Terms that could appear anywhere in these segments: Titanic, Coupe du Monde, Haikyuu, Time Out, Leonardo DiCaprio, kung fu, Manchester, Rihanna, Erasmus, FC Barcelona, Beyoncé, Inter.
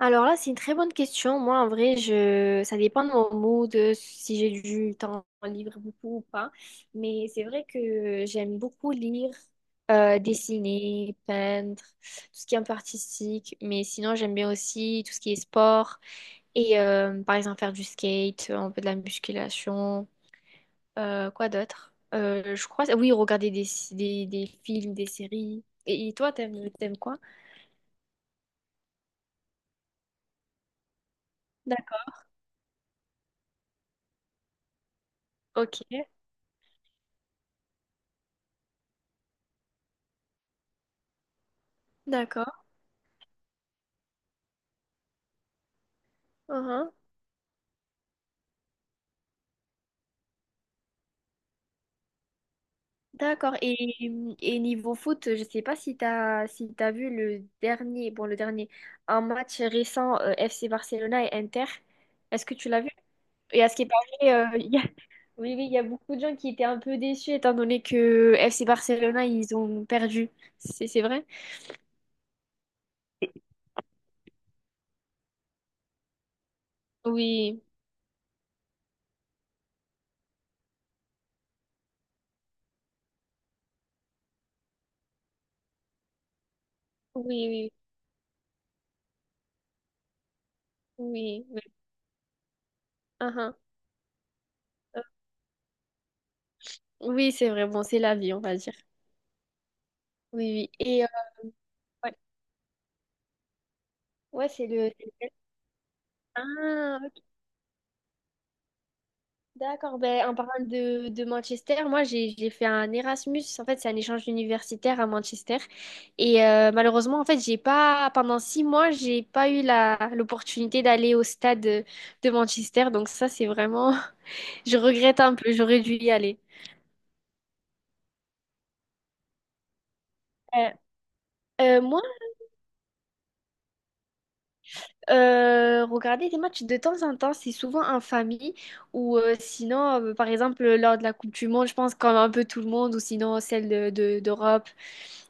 Alors là, c'est une très bonne question. Moi, en vrai, ça dépend de mon mood, si j'ai du temps libre beaucoup ou pas. Mais c'est vrai que j'aime beaucoup lire, dessiner, peindre, tout ce qui est un peu artistique. Mais sinon, j'aime bien aussi tout ce qui est sport et par exemple faire du skate, un peu de la musculation. Quoi d'autre? Je crois, oui, regarder des films, des séries. Et toi, t'aimes quoi? D'ac- Ok, d'accord. Uh-huh. D'accord. Et niveau foot, je sais pas si t'as vu le dernier, bon, le dernier, un match récent FC Barcelona et Inter. Est-ce que tu l'as vu? Et à ce qui paraît, oui, oui, il y a beaucoup de gens qui étaient un peu déçus étant donné que FC Barcelona, ils ont perdu. C'est vrai? Oui, oui, oui, oui. Oui. Uhum. Euh, oui c'est vrai. Bon, c'est la vie, on va dire. Oui, oui. Et ouais. Ouais, Ah. D'accord, ben, en parlant de Manchester, moi j'ai fait un Erasmus, en fait c'est un échange universitaire à Manchester et malheureusement en fait j'ai pas, pendant six mois j'ai pas eu la, l'opportunité d'aller au stade de Manchester donc ça c'est vraiment, je regrette un peu, j'aurais dû y aller. Euh, moi Regarder des matchs de temps en temps, c'est souvent en famille ou sinon, par exemple, lors de la Coupe du Monde, je pense qu'on a un peu tout le monde ou sinon celle de, d'Europe.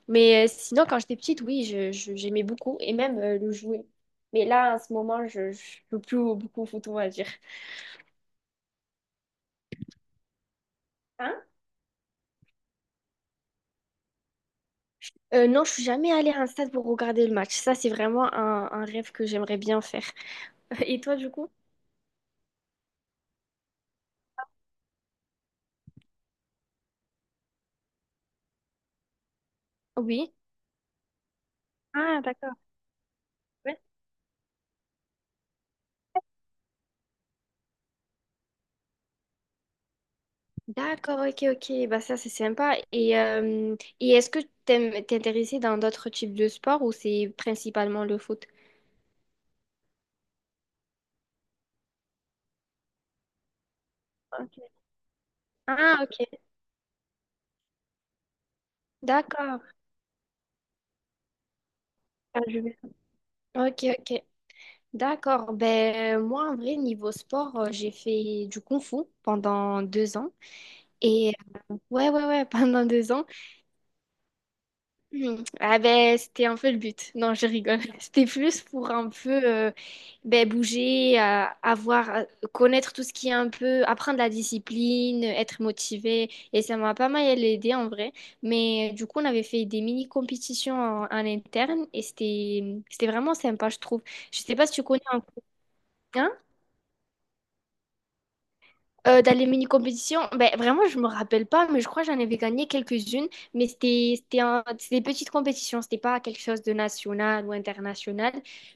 Mais sinon, quand j'étais petite, oui, j'aimais beaucoup et même le jouer. Mais là, en ce moment, je ne joue plus beaucoup au foot, on va dire. Hein? Non, je suis jamais allée à un stade pour regarder le match. Ça, c'est vraiment un rêve que j'aimerais bien faire. Et toi, du coup? Oui. Ah, d'accord. D'accord, ok, ok. Bah ça, c'est sympa. Et est-ce que t'intéresser dans d'autres types de sports ou c'est principalement le foot? Ok. Ah, ok. D'accord. Ah, je vais- Ok, ok. D'accord. Ben, moi, en vrai, niveau sport, j'ai fait du kung fu pendant deux ans. Et ouais, ouais, ouais, pendant deux ans. Mhm. Ah ben c'était un peu le but. Non, je rigole. C'était plus pour un peu ben, bouger, connaître tout ce qui est un peu, apprendre la discipline, être motivé. Et ça m'a pas mal aidé en vrai. Mais du coup, on avait fait des mini compétitions en, en interne et c'était vraiment sympa, je trouve. Je sais pas si tu connais un cours. Dans les mini-compétitions, ben, vraiment, je me rappelle pas, mais je crois que j'en avais gagné quelques-unes. Mais c'était des petites compétitions, c'était pas quelque chose de national ou international.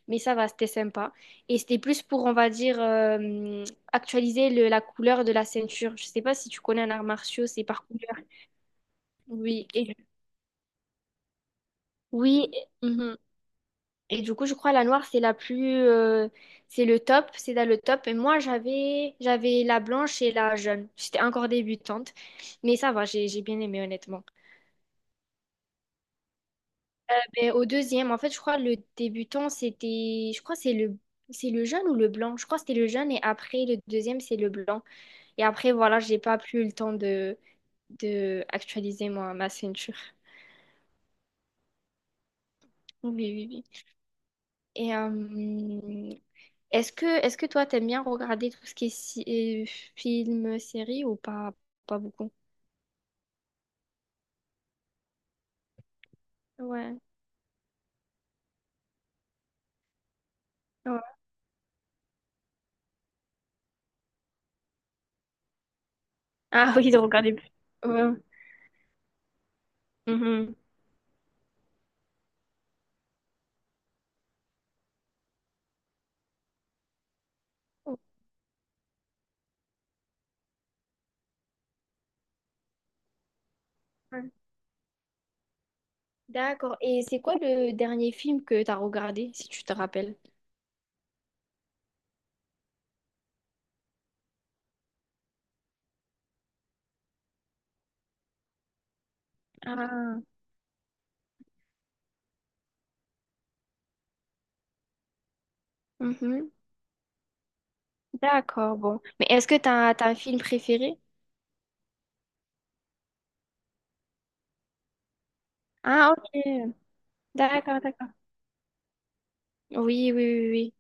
Mais ça va, c'était sympa. Et c'était plus pour, on va dire, actualiser la couleur de la ceinture. Je sais pas si tu connais un art martiaux, c'est par couleur. Oui, et- oui. Et du coup, je crois la noire, c'est la plus, c'est le top, c'est dans le top. Et moi, j'avais la blanche et la jaune. J'étais encore débutante, mais ça va, j'ai bien aimé honnêtement. Mais au deuxième, en fait, je crois le débutant, je crois que c'est le jaune ou le blanc. Je crois que c'était le jaune et après le deuxième, c'est le blanc. Et après, voilà, j'ai pas plus eu le temps de actualiser moi ma ceinture. Oui, oui, oui. Et est-ce que toi, t'aimes bien regarder tout ce qui est euh, film, série ou pas beaucoup? Ouais. Ouais. Ah oui, de regarder plus. Ouais. Mhm. Ouais. D'accord. Et c'est quoi le dernier film que t'as regardé, si tu te rappelles? Ah. Mhm. D'accord, bon. Mais est-ce que t'as un film préféré? Ah, ok. D'accord, d'accord. Oui, oui, oui, oui.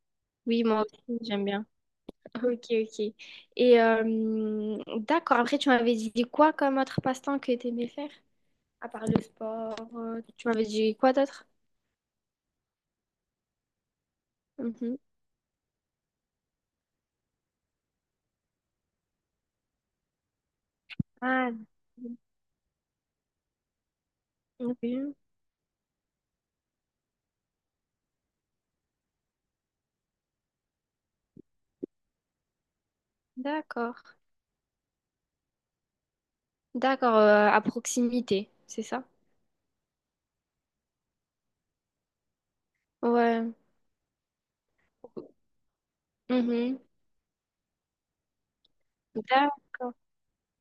Oui, moi aussi, j'aime bien. Ok, ok. Et d'accord, après, tu m'avais dit quoi comme autre passe-temps que t'aimais faire? À part le sport, tu m'avais dit quoi d'autre? Mhm. Ah. Ok. D'accord. D'accord, à proximité, c'est ça? Ouais. Mhm. D'accord.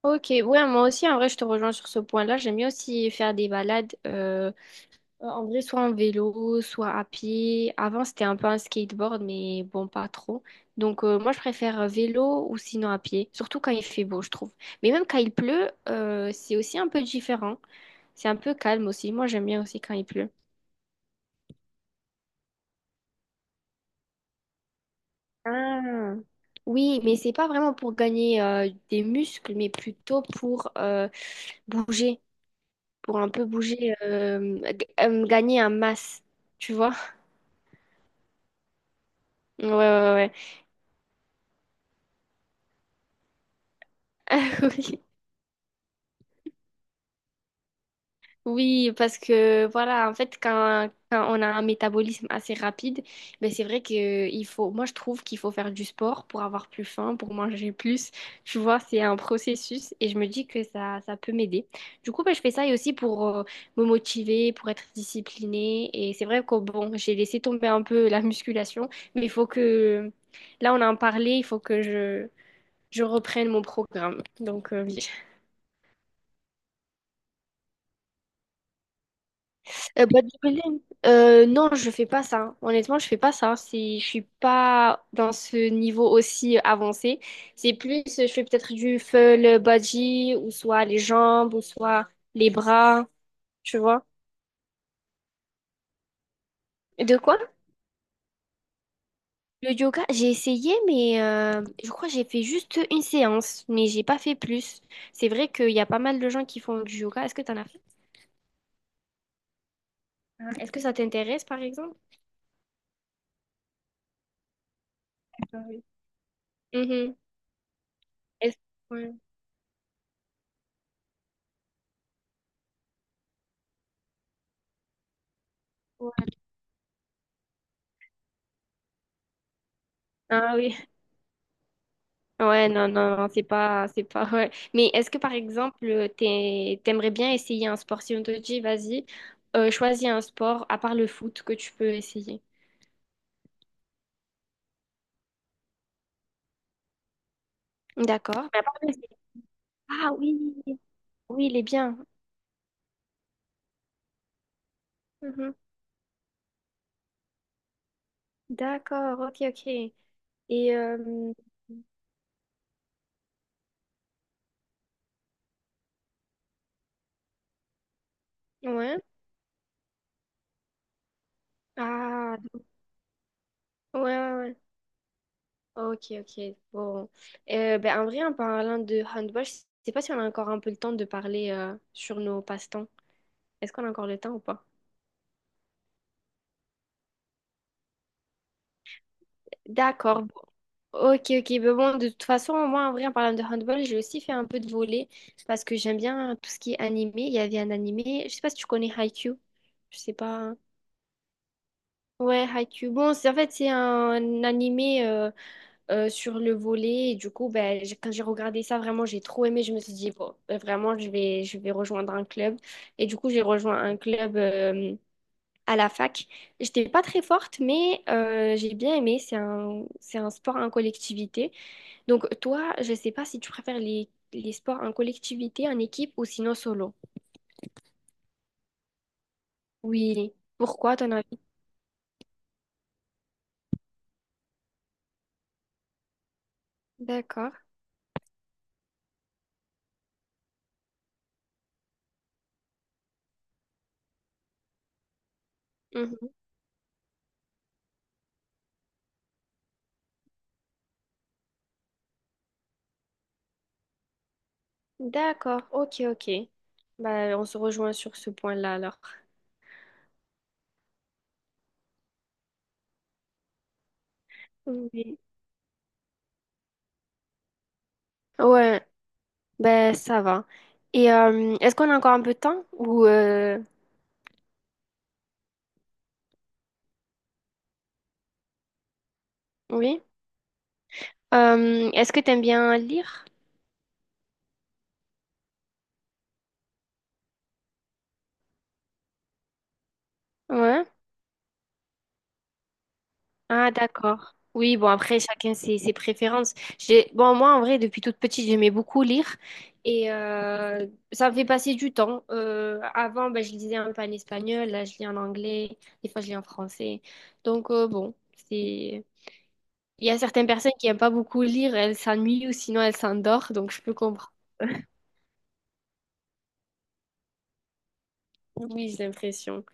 Ok, ouais, moi aussi, en vrai, je te rejoins sur ce point-là. J'aime bien aussi faire des balades, en vrai, soit en vélo, soit à pied. Avant, c'était un peu un skateboard, mais bon, pas trop. Donc, moi, je préfère vélo ou sinon à pied, surtout quand il fait beau, je trouve. Mais même quand il pleut, c'est aussi un peu différent. C'est un peu calme aussi. Moi, j'aime bien aussi quand il pleut. Ah. Oui, mais c'est pas vraiment pour gagner des muscles, mais plutôt pour bouger, pour un peu bouger, gagner en masse, tu vois? Ouais, ouais, ouais. Ouais. Oui. Oui, parce que voilà, en fait, quand on a un métabolisme assez rapide, ben c'est vrai que il faut, moi je trouve qu'il faut faire du sport pour avoir plus faim, pour manger plus. Tu vois, c'est un processus et je me dis que ça peut m'aider. Du coup, ben, je fais ça et aussi pour me motiver, pour être disciplinée. Et c'est vrai que bon, j'ai laissé tomber un peu la musculation, mais là on en parlait, il faut que je reprenne mon programme. Donc, oui. Bodybuilding? Non, je fais pas ça. Honnêtement, je fais pas ça. C'est, je suis pas dans ce niveau aussi avancé. C'est plus, je fais peut-être du full body ou soit les jambes ou soit les bras, tu vois. De quoi? Le yoga, j'ai essayé, mais je crois que j'ai fait juste une séance, mais j'ai pas fait plus. C'est vrai qu'il y a pas mal de gens qui font du yoga. Est-ce que t'en as fait? Ah, est-ce que ça t'intéresse, par exemple? Ah oui. Mhm. Est-ce- Ouais. Ouais. Ah oui. Ouais, non, non, non, c'est pas, ouais. Mais est-ce que, par exemple, t'aimerais bien essayer un sport? Si on te dit, vas-y, choisis un sport, à part le foot, que tu peux essayer. D'accord. Mais à part le- foot. Ah oui, oui, il est bien. Mhm. D'accord, ok, ok. Et, ouais. Ah, ouais, ouais, ouais. Ok, ok. Bon. Ben, en vrai, en parlant de handball, je sais pas si on a encore un peu le temps de parler sur nos passe-temps. Est-ce qu'on a encore le temps ou pas? D'accord. Ok, ok. Mais bon, de toute façon, moi, en vrai, en parlant de handball, j'ai aussi fait un peu de volley parce que j'aime bien tout ce qui est animé. Il y avait un animé, je sais pas si tu connais Haikyuu. Je sais pas. Ouais, Haikyuu. Bon, c'est en fait, c'est un animé sur le volley. Et du coup, quand j'ai regardé ça, vraiment, j'ai trop aimé. Je me suis dit, bon, ben, vraiment, je vais rejoindre un club. Et du coup, j'ai rejoint un club à la fac. J'étais pas très forte, mais j'ai bien aimé. C'est un sport en collectivité. Donc, toi, je ne sais pas si tu préfères les sports en collectivité, en équipe ou sinon solo. Oui. Pourquoi ton avis? D'accord. Mhm. D'accord. Ok, ok. Bah, on se rejoint sur ce point-là alors. Oui. Ouais, ben ça va. Et est-ce qu'on a encore un peu de temps? Ou oui? Est-ce que t'aimes bien lire? Ouais. Ah, d'accord. Oui, bon, après, chacun ses, ses préférences. J'ai... Bon, moi, en vrai, depuis toute petite, j'aimais beaucoup lire et ça me fait passer du temps. Avant, ben, je lisais un peu en espagnol, là, je lis en anglais, des fois, je lis en français. Donc, bon, c'est... Il y a certaines personnes qui n'aiment pas beaucoup lire, elles s'ennuient ou sinon elles s'endorment, donc je peux comprendre. Oui, j'ai l'impression.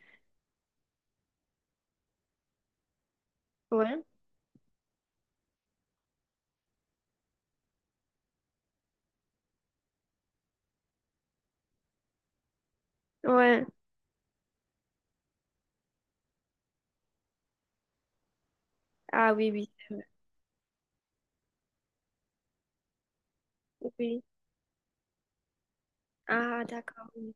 Ouais, ouais. Ah oui, oui. Oui. Ah, d'accord. Oui.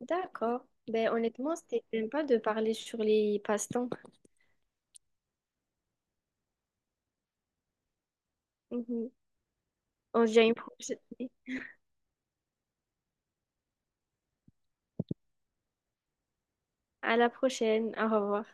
D'accord. Ben, honnêtement, c'était sympa de parler sur les passe-temps. Mhm. On se dit à une prochaine- à la prochaine. Au revoir.